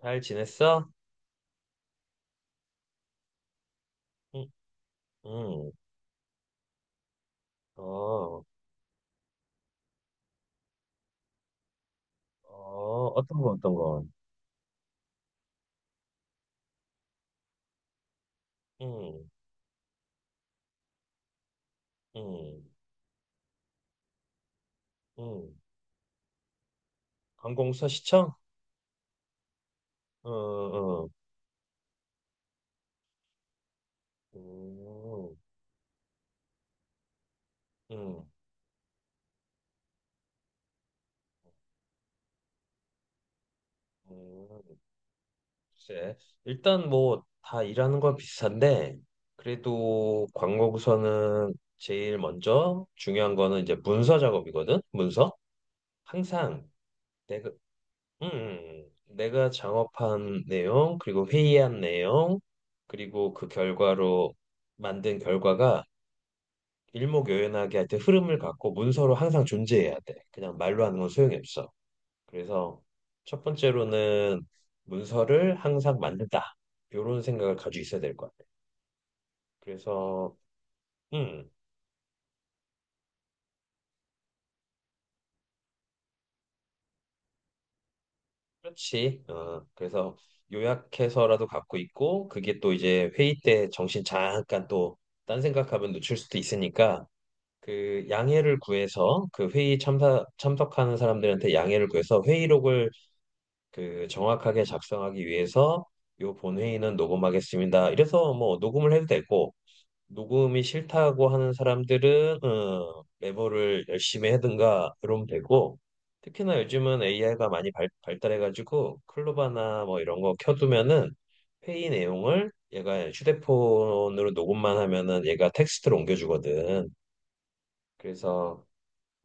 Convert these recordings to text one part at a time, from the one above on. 잘 지냈어? 응, 응. 어, 어떤 거, 어떤 거? 응, 응, 응. 관공서 시청? 응, 응, 응, 응, 응. 글쎄, 일단 뭐 다 일하는 건 비슷한데, 그래도 관공서는 제일 먼저 중요한 거는 이제 문서 작업이거든? 문서? 항상 내가, 내가 작업한 내용, 그리고 회의한 내용, 그리고 그 결과로 만든 결과가 일목요연하게 하여튼 흐름을 갖고 문서로 항상 존재해야 돼. 그냥 말로 하는 건 소용이 없어. 그래서 첫 번째로는 문서를 항상 만든다. 이런 생각을 가지고 있어야 될 것 같아. 그래서, 음, 그렇지. 그래서 요약해서라도 갖고 있고, 그게 또 이제 회의 때 정신 잠깐 또 딴 생각하면 놓칠 수도 있으니까 그 양해를 구해서 그 회의 참석하는 사람들한테 양해를 구해서 회의록을 그 정확하게 작성하기 위해서 요 본회의는 녹음하겠습니다. 이래서 뭐 녹음을 해도 되고 녹음이 싫다고 하는 사람들은 메모를 열심히 하든가 이러면 되고, 특히나 요즘은 AI가 많이 발달해가지고 클로바나 뭐 이런 거 켜두면은 회의 내용을 얘가 휴대폰으로 녹음만 하면은 얘가 텍스트로 옮겨주거든. 그래서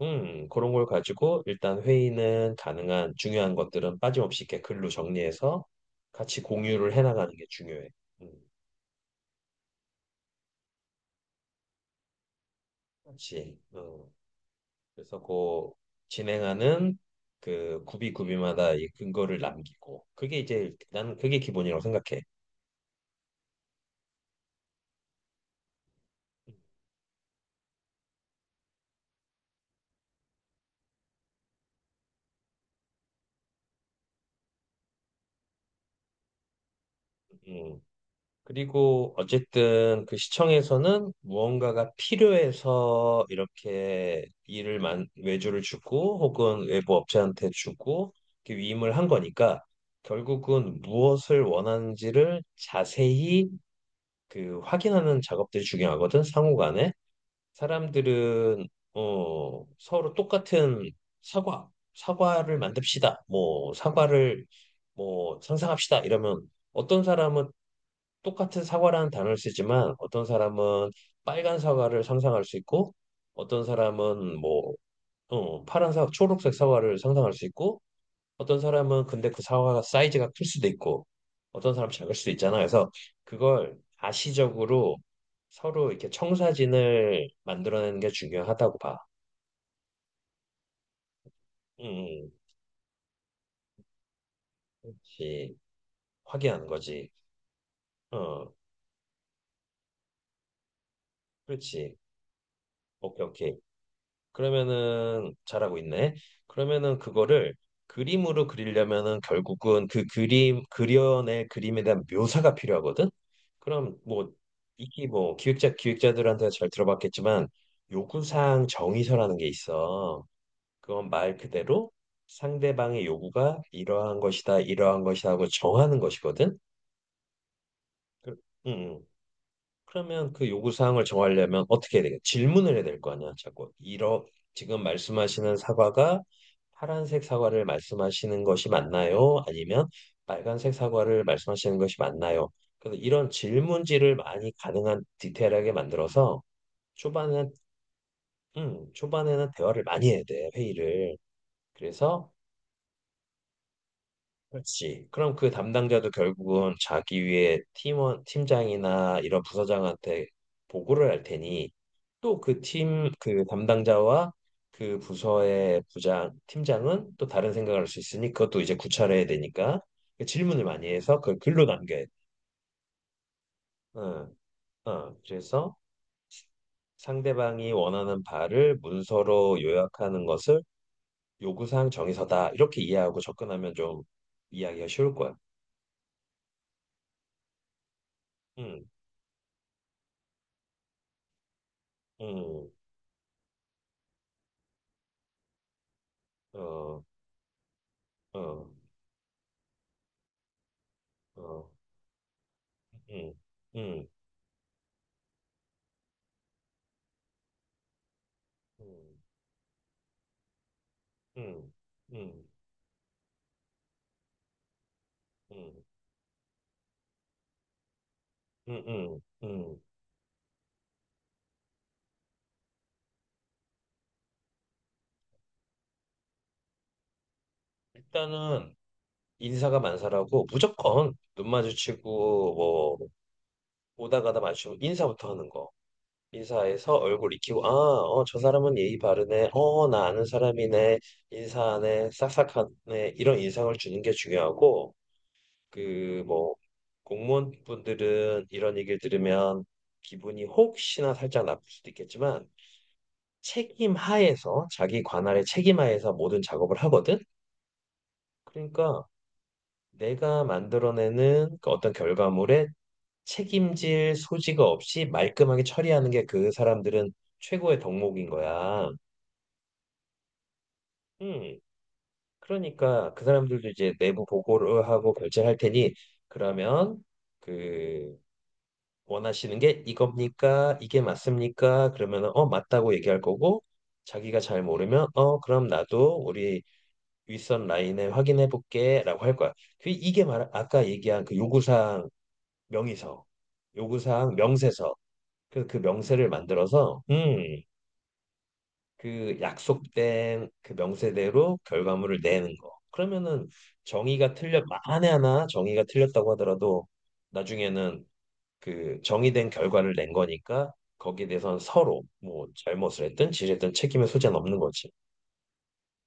그런 걸 가지고 일단 회의는 가능한 중요한 것들은 빠짐없이 이렇게 글로 정리해서 같이 공유를 해나가는 게 중요해. 음, 같이. 어. 그래서 그 진행하는 그 구비구비마다 이 근거를 남기고 그게 이제 나는 그게 기본이라고 생각해. 음. 음. 그리고 어쨌든 그 시청에서는 무언가가 필요해서 이렇게 일을 외주를 주고 혹은 외부 업체한테 주고 이렇게 위임을 한 거니까 결국은 무엇을 원하는지를 자세히 그 확인하는 작업들이 중요하거든, 상호 간에. 사람들은 서로 똑같은 사과를 만듭시다. 뭐 사과를 뭐 상상합시다. 이러면 어떤 사람은 똑같은 사과라는 단어를 쓰지만 어떤 사람은 빨간 사과를 상상할 수 있고, 어떤 사람은 뭐 파란 사과, 초록색 사과를 상상할 수 있고, 어떤 사람은 근데 그 사과가 사이즈가 클 수도 있고 어떤 사람 작을 수도 있잖아. 그래서 그걸 가시적으로 서로 이렇게 청사진을 만들어내는 게 중요하다고 봐. 음, 음. 그렇지. 확인하는 거지. 어, 그렇지. 오케이, 오케이. 그러면은 잘하고 있네. 그러면은 그거를 그림으로 그리려면은 결국은 그 그림 그려낸 그림에 대한 묘사가 필요하거든. 그럼 뭐 이게 뭐 기획자들한테 잘 들어봤겠지만 요구사항 정의서라는 게 있어. 그건 말 그대로 상대방의 요구가 이러한 것이다, 이러한 것이다 하고 정하는 것이거든. 그- 음. 그러면 그 요구 사항을 정하려면 어떻게 해야 되겠 질문을 해야 될 거 아니야, 자꾸. 이러 지금 말씀하시는 사과가 파란색 사과를 말씀하시는 것이 맞나요? 아니면 빨간색 사과를 말씀하시는 것이 맞나요? 그래서 이런 질문지를 많이 가능한 디테일하게 만들어서 초반에 초반에는 대화를 많이 해야 돼, 회의를. 그래서 그렇지. 그럼 그 담당자도 결국은 자기 위에 팀원, 팀장이나 이런 부서장한테 보고를 할 테니 또 그 담당자와 그 부서의 부장, 팀장은 또 다른 생각을 할 수 있으니 그것도 이제 구차해야 되니까 그 질문을 많이 해서 그걸 글로 남겨야 돼. 어, 어. 그래서 상대방이 원하는 바를 문서로 요약하는 것을 요구사항 정의서다, 이렇게 이해하고 접근하면 좀 이해하기가 쉬울 거야. 응, 응. 어, 어, 어, 응, 응, 응, 응, 응, 응, 응, 응, 응. 일단은 인사가 만사라고 무조건 눈 마주치고 뭐 오다 가다 마주치고 인사부터 하는 거. 인사해서 얼굴 익히고 아, 어, 저 사람은 예의 바르네. 어, 나 아는 사람이네. 인사하네. 싹싹하네. 이런 인상을 주는 게 중요하고, 그 뭐 공무원분들은 이런 얘기를 들으면 기분이 혹시나 살짝 나쁠 수도 있겠지만 책임 하에서 자기 관할의 책임 하에서 모든 작업을 하거든. 그러니까 내가 만들어내는 그 어떤 결과물에 책임질 소지가 없이 말끔하게 처리하는 게 그 사람들은 최고의 덕목인 거야. 음. 그러니까 그 사람들도 이제 내부 보고를 하고 결제할 테니, 그러면 그 원하시는 게 이겁니까? 이게 맞습니까? 그러면은 어 맞다고 얘기할 거고, 자기가 잘 모르면 어 그럼 나도 우리 윗선 라인을 확인해 볼게라고 할 거야. 그 이게 말 아까 얘기한 그 명의서, 요구사항 명세서. 그래서 그 명세를 만들어서, 그 약속된 그 명세대로 결과물을 내는 거. 그러면은 정의가 틀렸 만에 하나 정의가 틀렸다고 하더라도 나중에는 그 정의된 결과를 낸 거니까 거기에 대해서는 서로 뭐 잘못을 했든 지했든 책임의 소재는 없는 거지.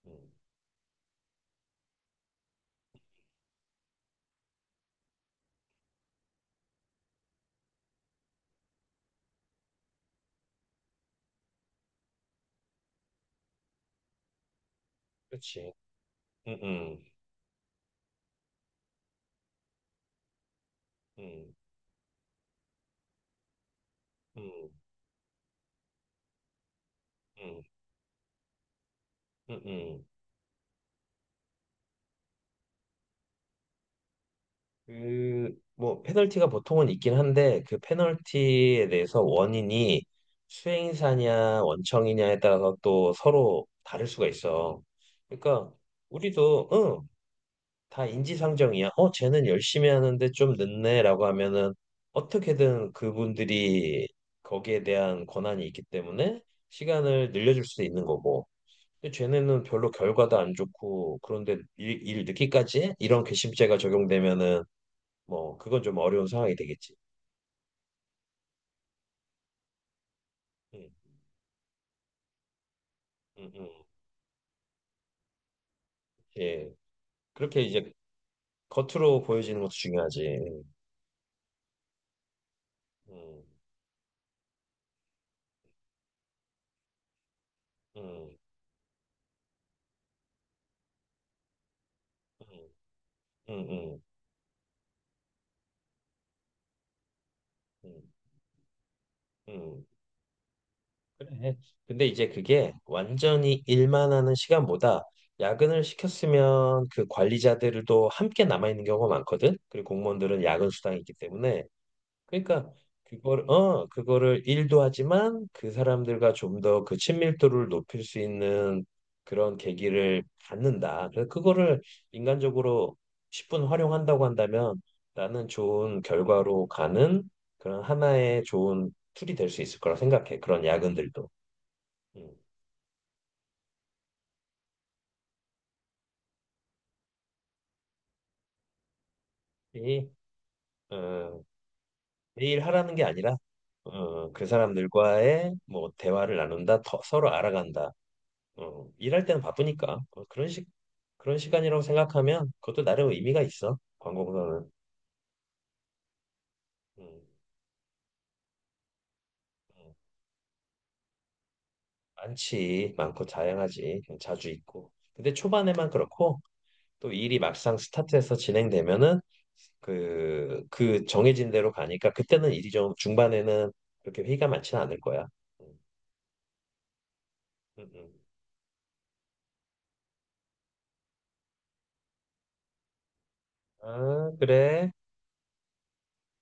음, 그렇지. 음, 음, 음, 음, 음. 음, 음. 그, 뭐, 페널티가 보통은 있긴 한데, 그 페널티에 대해서 원인이 수행사냐, 원청이냐에 따라서 또 서로 다를 수가 있어. 그러니까, 우리도, 응, 다 인지상정이야. 어, 쟤는 열심히 하는데 좀 늦네, 라고 하면은 어떻게든 그분들이 거기에 대한 권한이 있기 때문에 시간을 늘려줄 수 있는 거고. 근데 쟤네는 별로 결과도 안 좋고, 그런데 일 늦기까지 해? 이런 괘씸죄가 적용되면은 뭐 그건 좀 어려운 상황이 되겠지. 음, 음, 음. 예. 그렇게 이제 겉으로 보여지는 것도 중요하지. 음, 음, 음, 음, 음, 음, 음. 그래. 근데 이제 그게 완전히 일만 하는 시간보다, 야근을 시켰으면 그 관리자들도 함께 남아 있는 경우가 많거든. 그리고 공무원들은 야근 수당이 있기 때문에, 그러니까 그걸 어 그거를 일도 하지만 그 사람들과 좀 더 그 친밀도를 높일 수 있는 그런 계기를 갖는다. 그래서 그거를 인간적으로 10분 활용한다고 한다면 나는 좋은 결과로 가는 그런 하나의 좋은 툴이 될 수 있을 거라 생각해, 그런 야근들도. 음. 이, 어, 매일 하라는 게 아니라 그 사람들과의 뭐 대화를 나눈다, 더, 서로 알아간다. 일할 때는 바쁘니까 그런 식 그런 시간이라고 생각하면 그것도 나름 의미가 있어. 광고보다는. 음, 음. 많지 많고 다양하지 자주 있고. 근데 초반에만 그렇고 또 일이 막상 스타트해서 진행되면은 그 그 정해진 대로 가니까 그때는 일이 좀 중반에는 그렇게 회의가 많지는 않을 거야. 음, 음, 음. 아, 그래.